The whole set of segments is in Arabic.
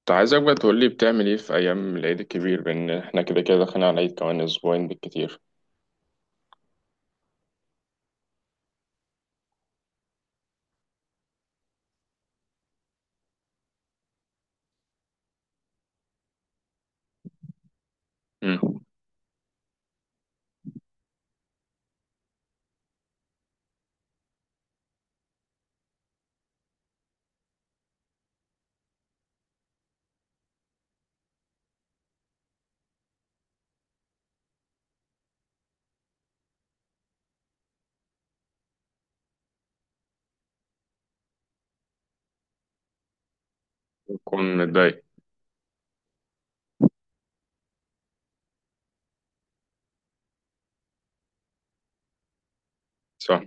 كنت عايزك بقى تقولي بتعمل ايه في ايام العيد الكبير، بان احنا كده كده داخلين على العيد كمان اسبوعين بالكتير. امم. بكون متضايق. صح.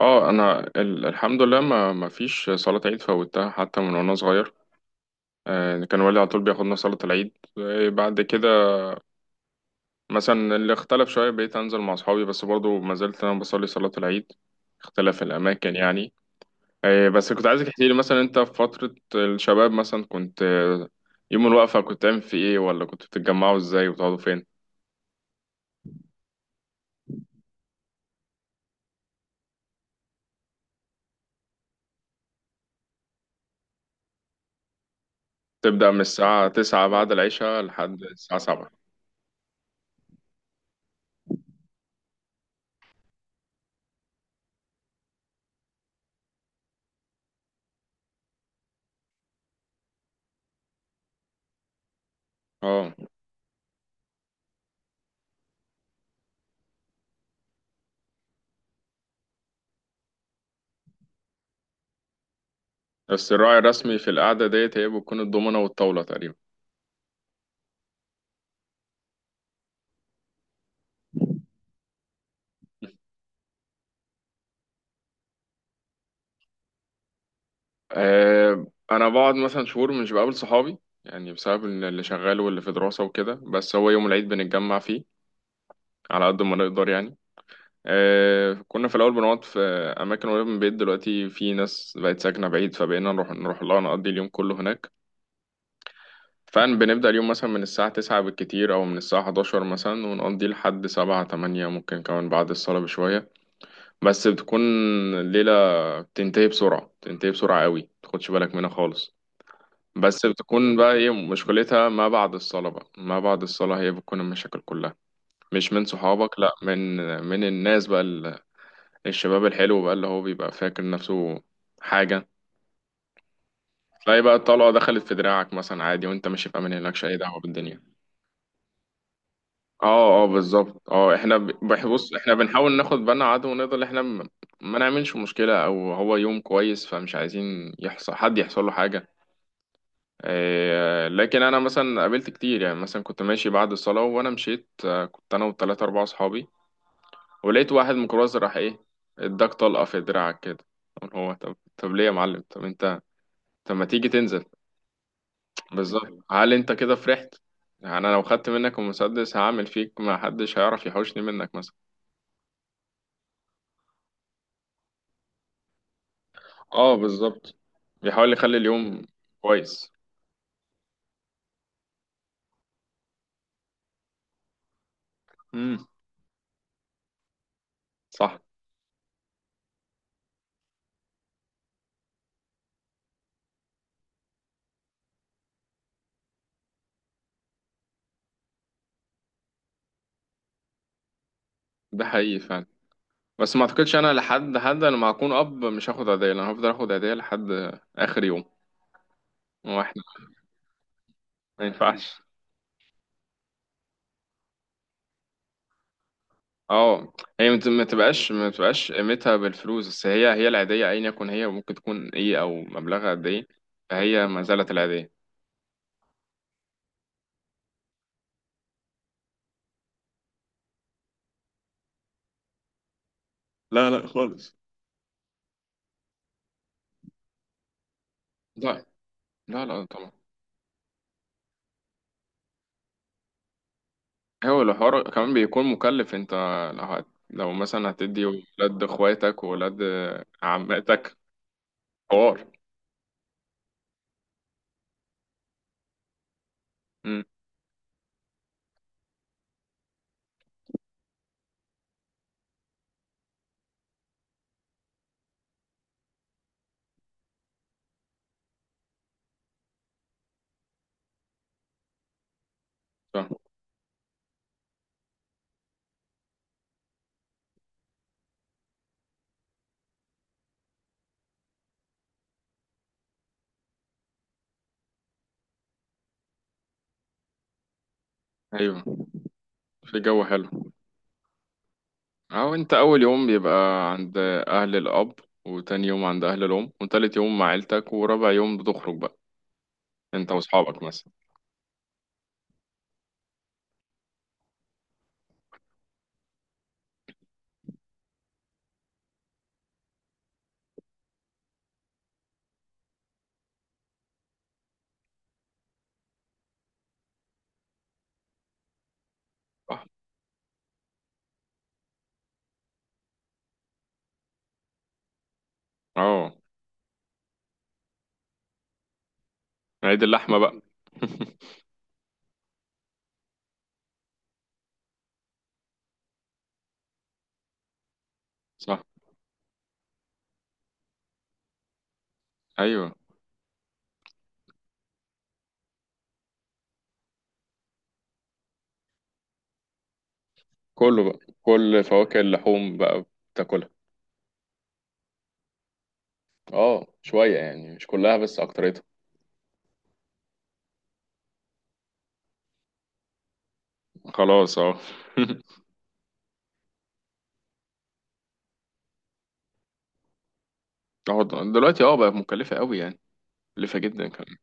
اه، انا الحمد لله ما فيش صلاة عيد فوتها حتى من وانا صغير. كان والدي على طول بياخدنا صلاة العيد. بعد كده مثلا اللي اختلف شوية بقيت انزل مع اصحابي، بس برضو ما زلت انا بصلي صلاة العيد. اختلف الاماكن يعني. بس كنت عايزك تحكي لي مثلا، انت في فترة الشباب مثلا كنت يوم الوقفة كنت تعمل في ايه، ولا كنت بتتجمعوا ازاي وتقعدوا فين؟ تبدأ من الساعة 9 بعد العشاء لحد الساعة 7. اه، بس الراعي الرسمي في القعدة ديت هي بتكون الضمنة والطاولة تقريبا. أنا بقعد مثلا شهور مش بقابل صحابي، يعني بسبب إن اللي شغال واللي في دراسة وكده. بس هو يوم العيد بنتجمع فيه على قد ما نقدر يعني. كنا في الأول بنقعد في أماكن قريبة من البيت. دلوقتي في ناس بقت ساكنة بعيد، فبقينا نروح لها، نقضي اليوم كله هناك. فعلا بنبدأ اليوم مثلا من الساعة 9 بالكتير أو من الساعة 11 مثلا، ونقضي لحد 7 8، ممكن كمان بعد الصلاة بشوية. بس بتكون الليلة بتنتهي بسرعة، بتنتهي بسرعة قوي، متاخدش بالك منها خالص. بس بتكون بقى ايه مشكلتها؟ ما بعد الصلاة بقى، ما بعد الصلاة هي بتكون المشاكل كلها. مش من صحابك، لأ، من الناس بقى، الشباب الحلو بقى اللي هو بيبقى فاكر نفسه حاجة. تلاقي بقى الطلقة دخلت في دراعك مثلا عادي، وانت ماشي في أمان الله، مالكش أي دعوة بالدنيا. اه اه، بالظبط. اه احنا بص، احنا بنحاول ناخد بالنا على قد ما نقدر. احنا ما نعملش مشكلة، او هو يوم كويس فمش عايزين يحصل حد، يحصل له حاجة. إيه، لكن انا مثلا قابلت كتير. يعني مثلا كنت ماشي بعد الصلاة وانا مشيت، كنت انا و3 4 اصحابي، ولقيت واحد ميكروباص راح ايه؟ اداك طلقة في دراعك كده. قلت هو طب ليه يا معلم؟ طب انت، طب ما تيجي تنزل؟ بالظبط، هل انت كده فرحت؟ يعني انا لو خدت منك المسدس هعمل فيك ما حدش هيعرف يحوشني منك مثلا. اه، بالظبط. بيحاول يخلي اليوم كويس. امم. صح. ده حقيقي فعلا. بس ما اعتقدش. انا لحد حد، انا لما اكون اب مش هاخد هديه. انا هفضل اخد هديه لحد اخر يوم. هو احنا ما ينفعش. اه. هي ما تبقاش قيمتها بالفلوس، بس هي العيديه ايا يكن هي، ممكن تكون ايه او مبلغها قد ايه. فهي ما زالت العيديه. لا لا خالص. لا لا لا طبعا. هو الحوار كمان بيكون مكلف. انت لو لو مثلا هتدي ولاد اخواتك وولاد عماتك، حوار. امم. صح. ايوه، في جو حلو. اهو، انت اول يوم بيبقى عند اهل الاب، وتاني يوم عند اهل الام، وتالت يوم مع عيلتك، ورابع يوم بتخرج بقى انت واصحابك مثلا. صح. اه، عيد اللحمه بقى. صح. ايوه. كله بقى كل فواكه اللحوم بقى بتاكلها. اه، شويه يعني، مش كلها بس اكتريتها. خلاص. اه. اه، دلوقتي بقى مكلفة قوي يعني. مكلفة جدا كمان.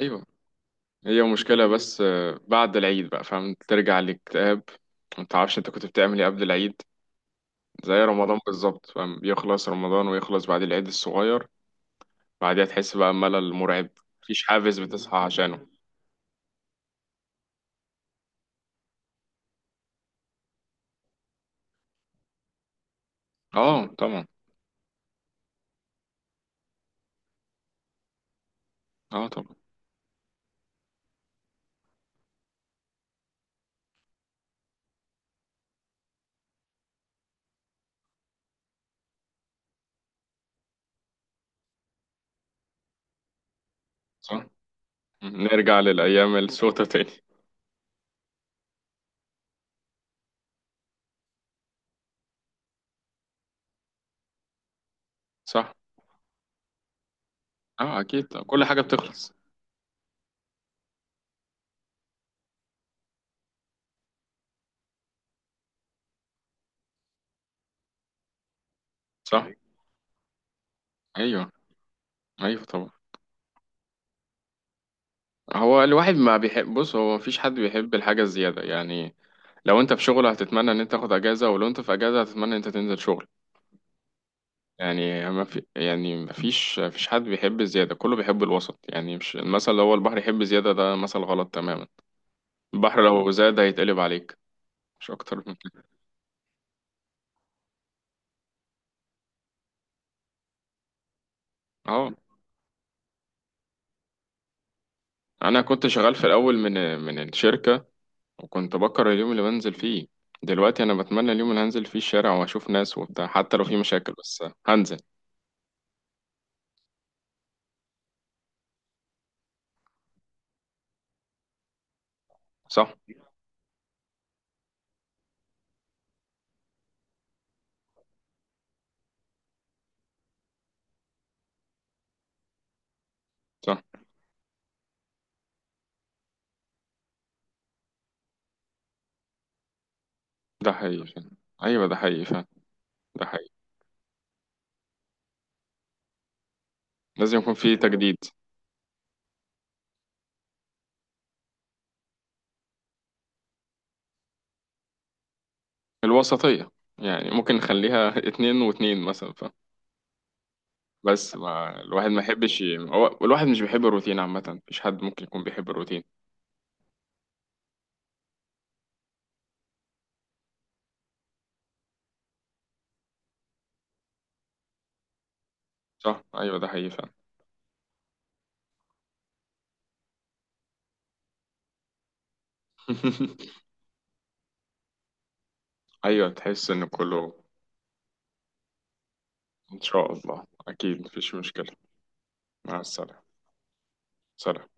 ايوه. هي مشكلة، بس بعد العيد بقى، فاهم؟ ترجع للاكتئاب. ما تعرفش انت كنت بتعمل ايه قبل العيد. زي رمضان بالظبط، فاهم؟ يخلص رمضان ويخلص بعد العيد الصغير بعدها تحس بقى ملل مرعب. مفيش حافز بتصحى عشانه. اه طبعا. اه طبعا. صح، نرجع للأيام السودة تاني. صح. اه اكيد، كل حاجة بتخلص. صح. ايوه ايوه طبعا. هو الواحد ما بيحب، بص، هو مفيش حد بيحب الحاجة الزيادة يعني. لو انت في شغل هتتمنى ان انت تاخد اجازه، ولو انت في اجازه هتتمنى ان انت تنزل شغل. يعني ما في، يعني ما فيش حد بيحب الزياده. كله بيحب الوسط يعني. مش المثل اللي هو البحر يحب زياده ده، مثل غلط تماما. البحر لو زاد هيتقلب عليك. مش اكتر من كده. اه. انا كنت شغال في الاول من الشركه، وكنت بكره اليوم اللي بنزل فيه. دلوقتي انا بتمنى اليوم اللي هنزل فيه الشارع واشوف ناس وبتاع، حتى لو في مشاكل بس هنزل. صح. صح، ده حقيقي فعلا. ايوه، ده حقيقي فعلا. ده حقيقي. لازم يكون في تجديد. الوسطية، يعني ممكن نخليها 2 و2 مثلا، بس ما الواحد ما يحبش هو الواحد مش بيحب الروتين عامة، مفيش حد ممكن يكون بيحب الروتين. صح. أيوة، ده حقيقي فعلا. أيوة، تحس إن كله. إن شاء الله. أكيد مفيش مشكلة. مع السلامة. سلام.